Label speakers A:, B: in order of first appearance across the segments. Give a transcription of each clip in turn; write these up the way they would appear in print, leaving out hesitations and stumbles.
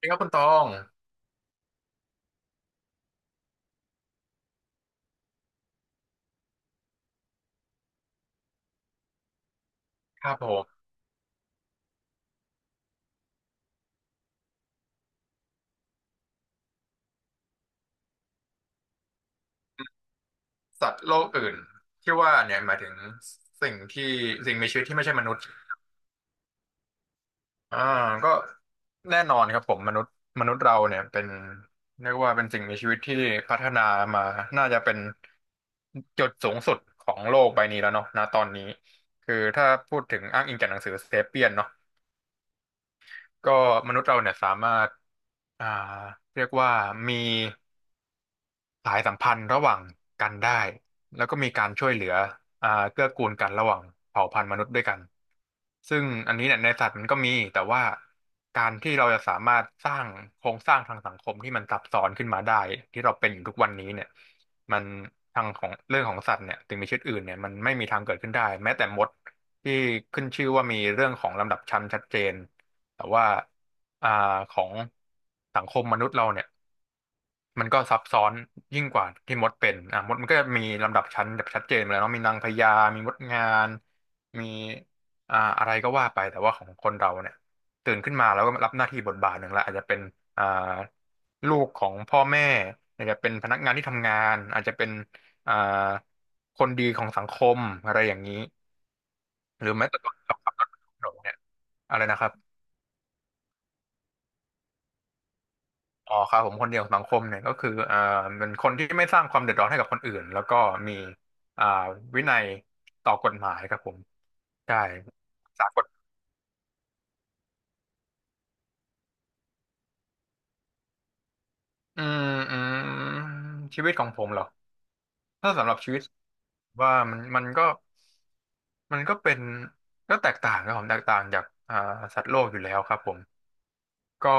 A: นี่ครับคุณตองครับผมสัตว์โลกอื่นที่ว่าเนี่ยหมายถึงสิ่งที่สิ่งมีชีวิตที่ไม่ใช่มนุษย์อ่าก็แน่นอนครับผมมนุษย์เราเนี่ยเป็นเรียกว่าเป็นสิ่งมีชีวิตที่พัฒนามาน่าจะเป็นจุดสูงสุดของโลกใบนี้แล้วเนาะณตอนนี้คือถ้าพูดถึงอ้างอิงจากหนังสือเซเปียนเนาะก็มนุษย์เราเนี่ยสามารถอ่าเรียกว่ามี สายสัมพันธ์ระหว่างกันได้ แล้วก็มีการช่วยเหลือเกื้อกูลกันระหว่างเผ่าพันธุ์มนุษย์ด้วยกัน ซึ่งอันนี้เนี่ยในสัตว์มันก็มี แต่ว่าการที่เราจะสามารถสร้างโครงสร้างทางสังคมที่มันซับซ้อนขึ้นมาได้ที่เราเป็นอยู่ทุกวันนี้เนี่ยมันทางของเรื่องของสัตว์เนี่ยถึงมีชีวิตอื่นเนี่ยมันไม่มีทางเกิดขึ้นได้แม้แต่มดที่ขึ้นชื่อว่ามีเรื่องของลำดับชั้นชัดเจนแต่ว่าอ่าของสังคมมนุษย์เราเนี่ย มันก็ซับซ้อนยิ่งกว่าที่มดเป็นอ่ะมดมันก็จะมีลำดับชั้นแบบชัดเจนเลยเนาะมีนางพญามีมดงานมีอะไรก็ว่าไปแต่ว่าของคนเราเนี่ยตื่นขึ้นมาแล้วก็รับหน้าที่บทบาทหนึ่งละอาจจะเป็นอ่าลูกของพ่อแม่อาจจะเป็นพนักงานที่ทำงานอาจจะเป็นอ่าคนดีของสังคมอะไรอย่างนี้หรือแม้แต่ตอนขับรถบนถนนเนี่ยอะไรนะครับ อ๋อครับผมคนเดียวสังคมเนี่ยก็คือเป็นคนที่ไม่สร้างความเดือดร้อนให้กับคนอื่นแล้วก็มีอ่าวินัยต่อกฎหมายครับผมใช่สากลอืมชีวิตของผมเหรอถ้าสำหรับชีวิตว่ามันก็มันก็เป็นก็แตกต่างครับผมแตกต่างจากสัตว์โลกอยู่แล้วครับผม ก็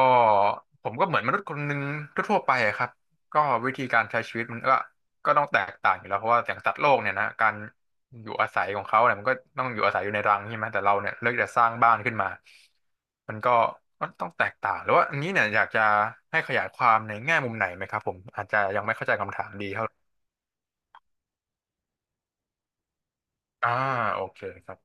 A: ผมก็เหมือนมนุษย์คนหนึ่งทั่วๆไปอะครับก็วิธีการใช้ชีวิตมันก็ต้องแตกต่างอยู่แล้วเพราะว่าอย่างสัตว์โลกเนี่ยนะการอยู่อาศัยของเขาเนี่ยมันก็ต้องอยู่อาศัยอยู่ในรังใช่ไหมแต่เราเนี่ยเลือกจะสร้างบ้านขึ้นมามันก็มันต้องแตกต่างหรือว่าอันนี้เนี่ยอยากจะให้ขยายความในแง่มุมไหนไหมครับผมอาจจะยังไม่เข้าใจคำถามดีเท่าไหร่อ่าโอเคครับ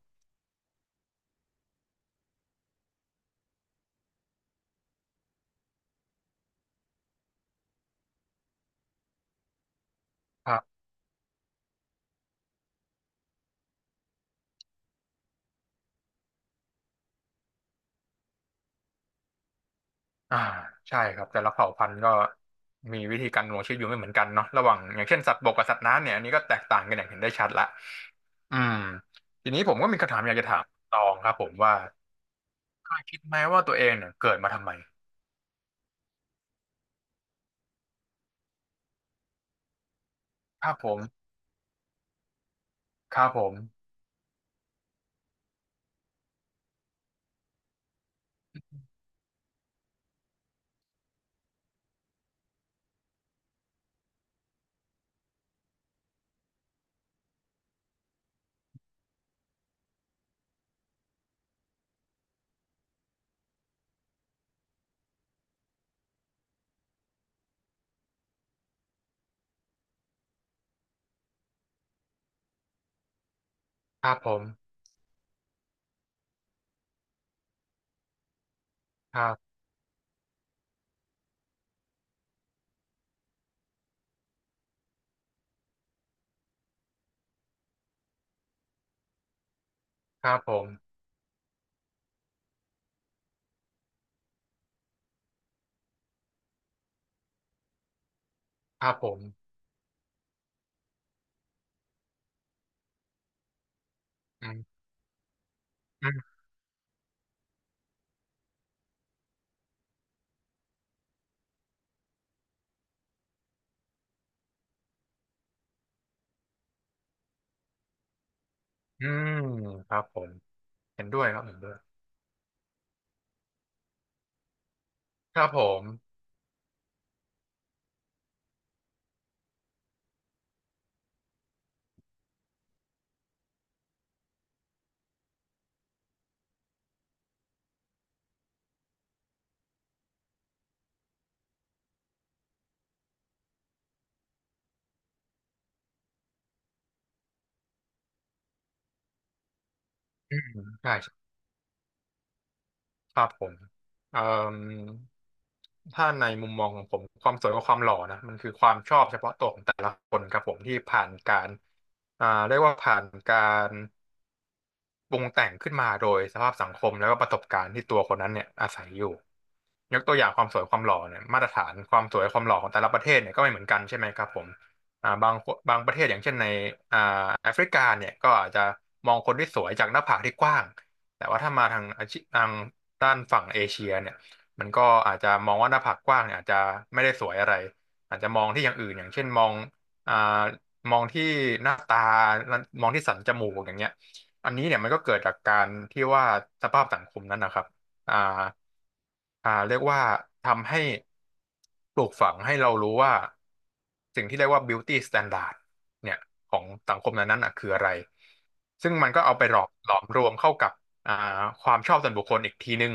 A: อ่าใช่ครับแต่ละเผ่าพันธุ์ก็มีวิธีการดำรงชีวิตอยู่ไม่เหมือนกันเนาะระหว่างอย่างเช่นสัตว์บกกับสัตว์น้ำเนี่ยอันนี้ก็แตกต่างกันอย่างเห็นได้ชัดละอืมทีนี้ผมก็มีคำถามอยากจะถามตองครับผมว่าเคยคิดไหมว่าตัวเองเนี่ยเกิดมาทำไมครับผมครับผมครับผมครับครับผมครับผมอืมอืมอืมครับผมเห็นด้วยครับเห็นด้วยครับผมอืมใช่ ครับผมเอ่มถ้าในมุมมองของผมความสวยกับความหล่อนะมันคือความชอบเฉพาะตัวของแต่ละคนครับผมที่ผ่านการอ่าเรียกว่าผ่านการปรุงแต่งขึ้นมาโดยสภาพสังคมแล้วก็ประสบการณ์ที่ตัวคนนั้นเนี่ยอาศัยอยู่ ยกตัวอย่างความสวยความหล่อเนี่ยมาตรฐานความสวยความหล่อของแต่ละประเทศเนี่ยก็ไม่เหมือนกันใช่ไหมครับผมอ่าบางบางประเทศอย่างเช่นในอ่าแอฟริกาเนี่ยก็อาจจะมองคนที่สวยจากหน้าผากที่กว้างแต่ว่าถ้ามาทางอาชีทางด้านฝั่งเอเชียเนี่ยมันก็อาจจะมองว่าหน้าผากกว้างเนี่ยอาจจะไม่ได้สวยอะไรอาจจะมองที่อย่างอื่นอย่างเช่นมองอ่ามองที่หน้าตามองที่สันจมูกอย่างเงี้ยอันนี้เนี่ยมันก็เกิดจากการที่ว่าสภาพสังคมนั้นนะครับ อ่าเรียกว่าทำให้ปลูกฝังให้เรารู้ว่าสิ่งที่เรียกว่า beauty standard เนี่ยของสังคมนั้นๆอ่ะคืออะไรซึ่งมันก็เอาไปหลอมรวมเข้ากับอ่าความชอบส่วนบุคคลอีกทีนึง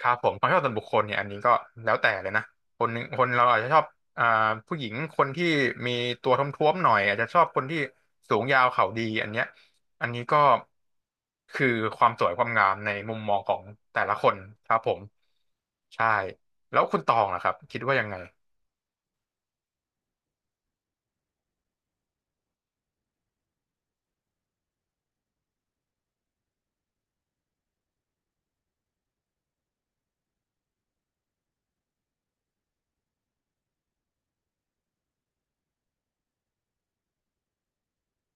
A: ครับผมความชอบส่วนบุคคลเนี่ยอันนี้ก็แล้วแต่เลยนะคนหนึ่งคนเราอาจจะชอบอ่าผู้หญิงคนที่มีตัวท้วมๆหน่อยอาจจะชอบคนที่สูงยาวเข่าดีอันเนี้ยอันนี้ก็คือความสวยความงามในมุมมองของแต่ละคนครับผมใช่แล้วคุณตองล่ะครับคิดว่ายังไง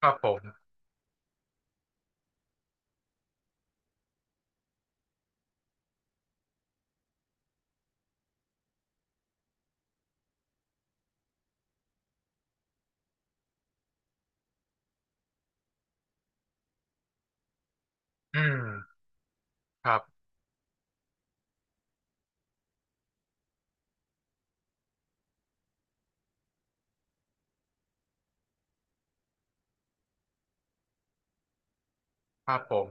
A: ครับผมอืมครับครับผม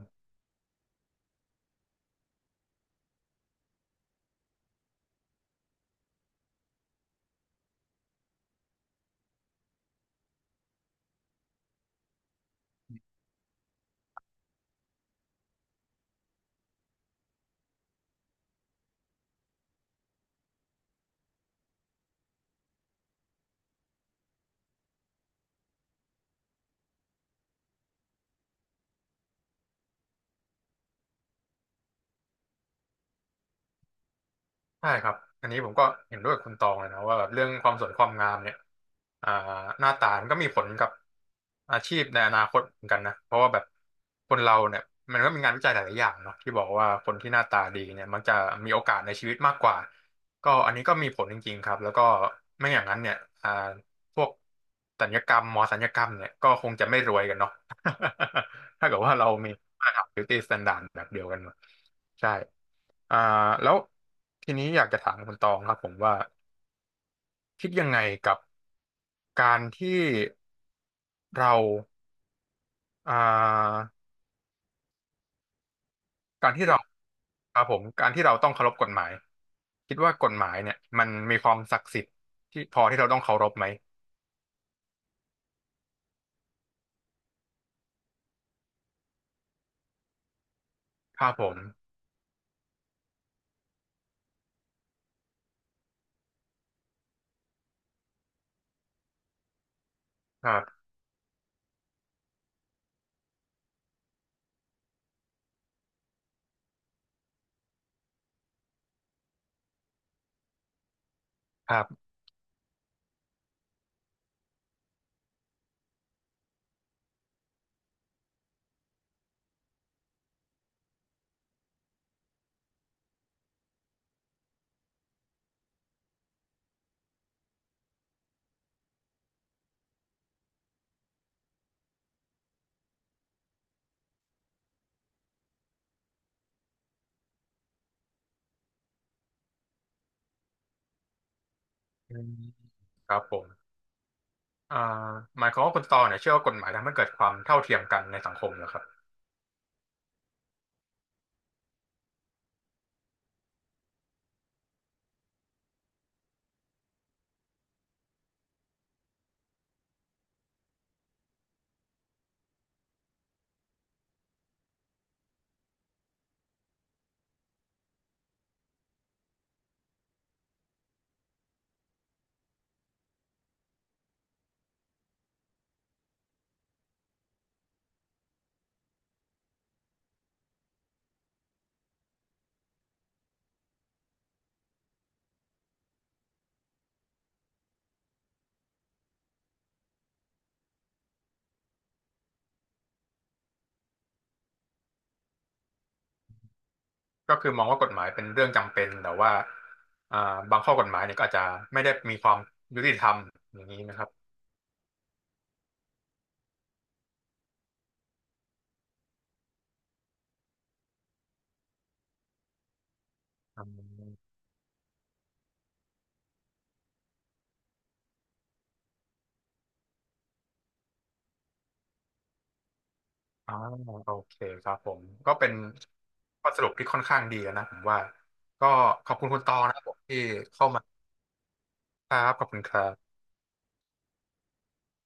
A: ใช่ครับ อันนี้ผมก็เห็นด้วยกับคุณตองเลยนะว่าแบบเรื่องความสวยความงามเนี่ยอ่าหน้าตามันก็มีผลกับอาชีพในอนาคตเหมือนกันนะเพราะว่าแบบคนเราเนี่ยมันก็มีงานวิจัยหลายๆอย่างเนาะที่บอกว่าคนที่หน้าตาดีเนี่ยมักจะมีโอกาสในชีวิตมากกว่าก็อันนี้ก็มีผลจริงๆครับแล้วก็ไม่อย่างนั้นเนี่ยอ่า พวกศัลยกรรมหมอศัลยกรรมเนี่ยก็คงจะไม่รวยกันเนาะ ถ้าเกิดว่าเรามีมาตรฐาน beauty standard แบบเดียวกันหมดใช่อ่าแล้วทีนี้อยากจะถามคุณตองครับผมว่าคิดยังไงกับการที่เราอ่าการที่เราครับผมการที่เราต้องเคารพกฎหมายคิดว่ากฎหมายเนี่ยมันมีความศักดิ์สิทธิ์ที่พอที่เราต้องเคารพไหมครับผมครับครับอืมครับผม อ่าหมายความว่าคุณตอเนี่ยเชื่อว่ากฎหมายทำให้เกิดความเท่าเทียมกันในสังคมนะครับก็คือมองว่ากฎหมายเป็นเรื่องจำเป็นแต่ว่าอ่าบางข้อกฎหมายเนี่ยก็อาจจะไม่ได้มีความยุติธรรมอย่างนี้นะครับอืมอ๋อโอเคครับผมก็เป็นข้อสรุปที่ค่อนข้างดีนะผมว่าก็ขอบคุณคุณตอนะครับผมที่เข้ามาครับขอบคุณครับ